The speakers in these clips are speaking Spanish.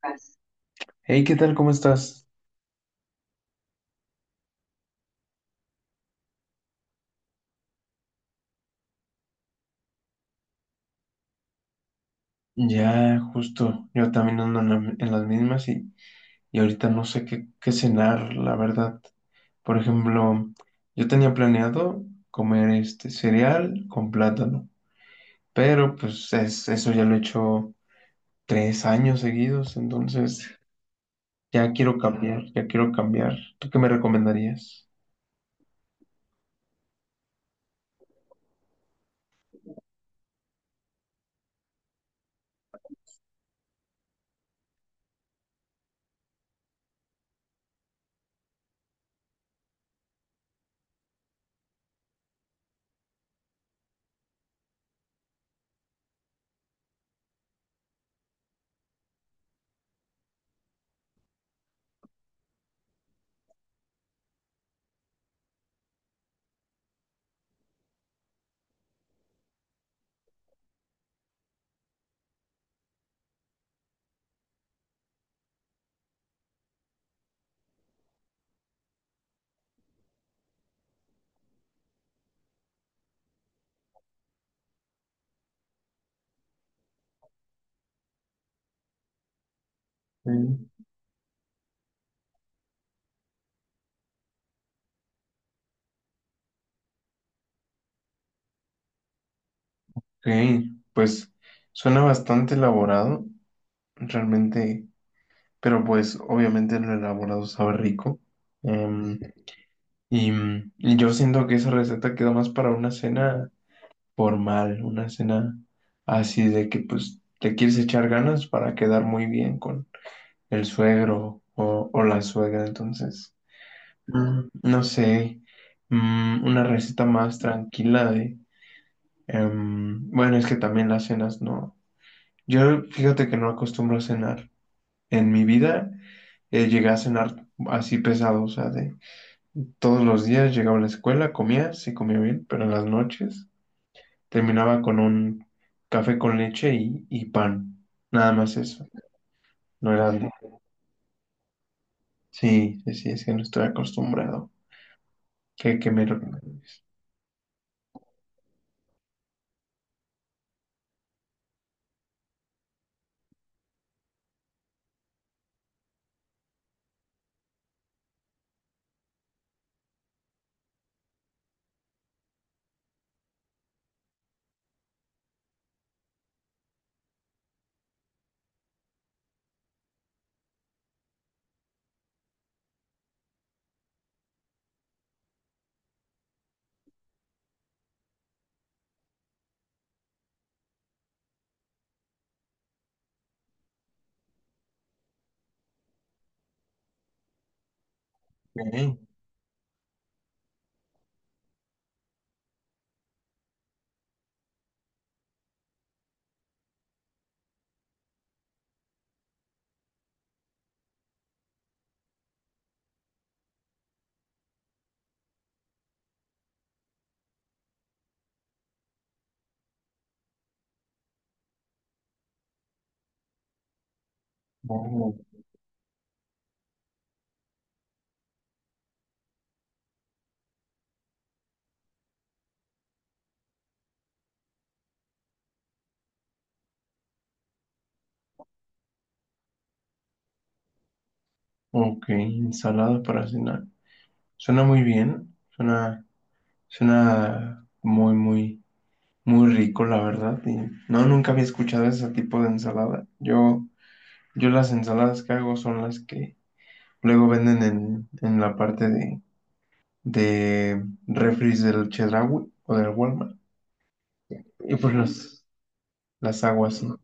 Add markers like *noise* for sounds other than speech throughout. Paz. Hey, ¿qué tal? ¿Cómo estás? Ya, justo, yo también ando en las mismas y ahorita no sé qué cenar, la verdad. Por ejemplo, yo tenía planeado comer este cereal con plátano, pero eso ya lo he hecho tres años seguidos, entonces ya quiero cambiar, ya quiero cambiar. ¿Tú qué me recomendarías? Mm. Ok, pues suena bastante elaborado, realmente. Pero pues obviamente lo elaborado sabe rico. Em, y, y yo siento que esa receta queda más para una cena formal, una cena así de que pues te quieres echar ganas para quedar muy bien con el suegro o la suegra. Entonces, no sé, una receta más tranquila de bueno, es que también las cenas no. Yo fíjate que no acostumbro a cenar. En mi vida llegué a cenar así pesado, o sea, de todos los días llegaba a la escuela, comía, sí comía bien, pero en las noches terminaba con un café con leche y pan. Nada más eso. No era algo. Sí, sí, sí, es que no estoy acostumbrado. Qué me recomiendas? Ok, oh, ok, ensalada para cenar. Suena muy bien. Suena, suena muy, muy, muy rico, la verdad. Y no, nunca había escuchado ese tipo de ensalada. Yo las ensaladas que hago son las que luego venden en la parte de refris del Chedraui o del Walmart. Y pues las aguas, ¿no?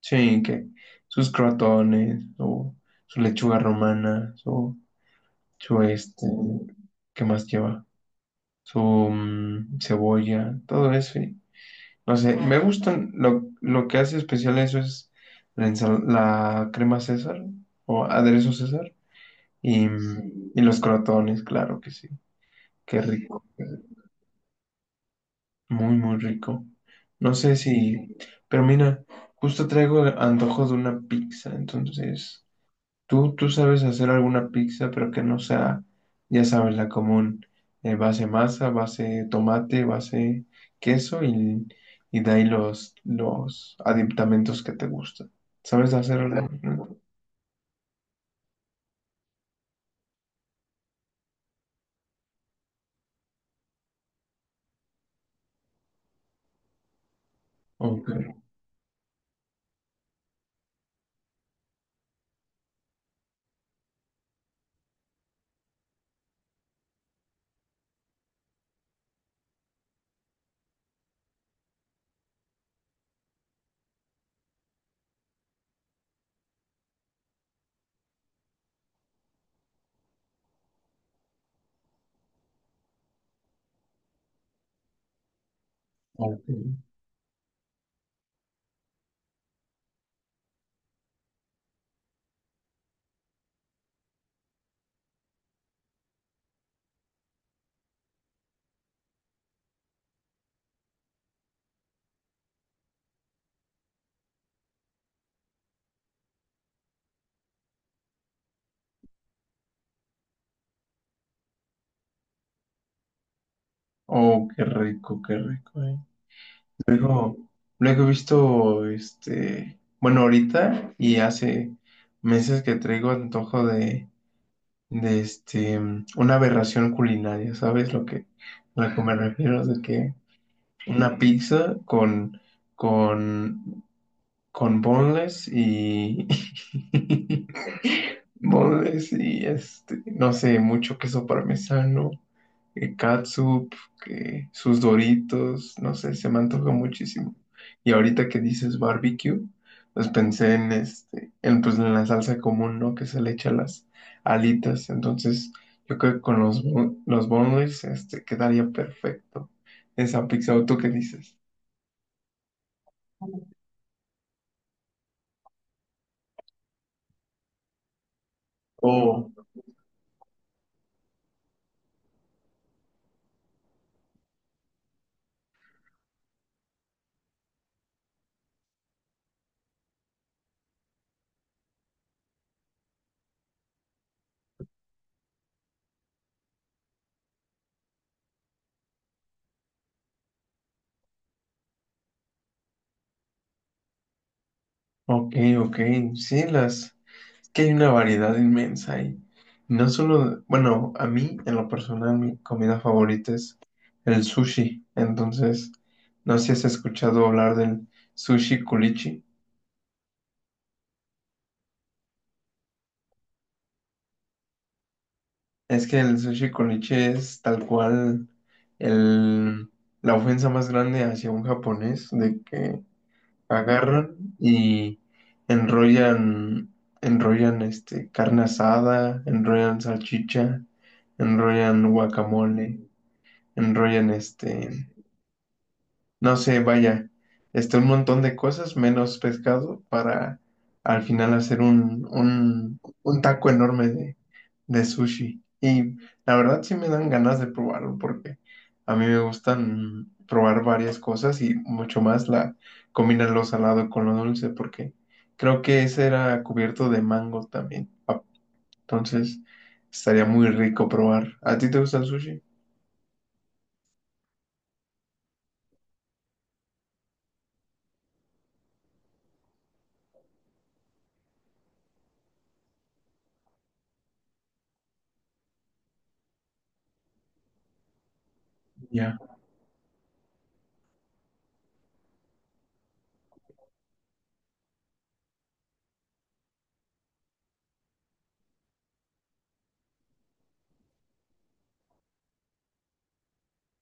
Sí, que sus crotones o su lechuga romana, su este, ¿qué más lleva? Su cebolla, todo eso. Y no sé, me gustan, lo que hace especial eso es la crema César o aderezo César y, y los crotones, claro que sí, qué rico. Muy, muy rico. No sé si, pero mira, justo traigo antojo de una pizza, entonces, tú sabes hacer alguna pizza, pero que no sea, ya sabes, la común, base masa, base tomate, base queso y de ahí los aditamentos que te gustan. ¿Sabes hacer alguna? Ok, ok. Oh, qué rico, eh. Luego, luego he visto, este, bueno, ahorita y hace meses que traigo antojo de este, una aberración culinaria, ¿sabes lo que me refiero? De que una pizza con, con boneless y, *laughs* boneless y este, no sé, mucho queso parmesano que catsup, que sus Doritos, no sé, se me antoja muchísimo. Y ahorita que dices barbecue, pues pensé en este, en pues en la salsa común, ¿no? Que se le echa a las alitas. Entonces, yo creo que con los boneless, este, quedaría perfecto esa pizza. ¿O tú qué dices? Oh, ok, ok. Sí, las, que hay una variedad inmensa y no solo, bueno, a mí en lo personal mi comida favorita es el sushi, entonces no sé si has escuchado hablar del sushi culichi, es que el sushi culichi es tal cual el, la ofensa más grande hacia un japonés de que agarran y enrollan, enrollan este, carne asada, enrollan salchicha, enrollan guacamole, enrollan este, no sé, vaya, este, un montón de cosas, menos pescado, para al final hacer un taco enorme de sushi. Y la verdad sí me dan ganas de probarlo porque a mí me gustan probar varias cosas y mucho más la combinar lo salado con lo dulce porque creo que ese era cubierto de mango también. Ah, entonces estaría muy rico probar. ¿A ti te gusta el sushi? Ya.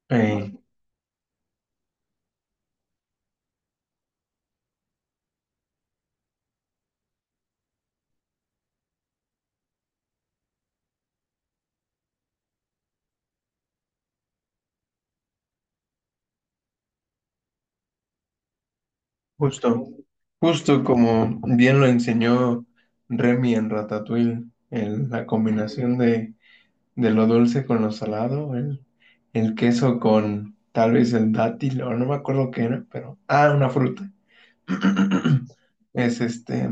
Eh, justo. Justo como bien lo enseñó Remy en Ratatouille, la combinación de lo dulce con lo salado, el queso con tal vez el dátil, o no me acuerdo qué era, pero... Ah, una fruta. *clears throat* Es este,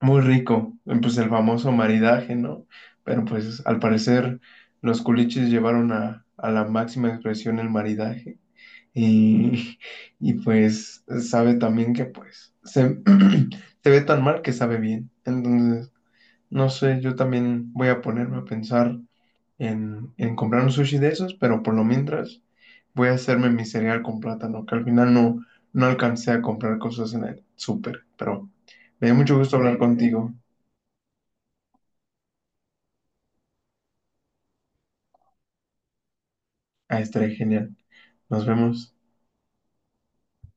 muy rico, pues el famoso maridaje, ¿no? Pero pues al parecer los culichis llevaron a la máxima expresión el maridaje. Y, *laughs* y pues sabe también que pues se, *clears throat* se ve tan mal que sabe bien. Entonces, no sé, yo también voy a ponerme a pensar en comprar un sushi de esos, pero por lo mientras voy a hacerme mi cereal con plátano, que al final no alcancé a comprar cosas en el súper. Pero me dio mucho gusto hablar contigo. Ah, estaré genial. Nos vemos.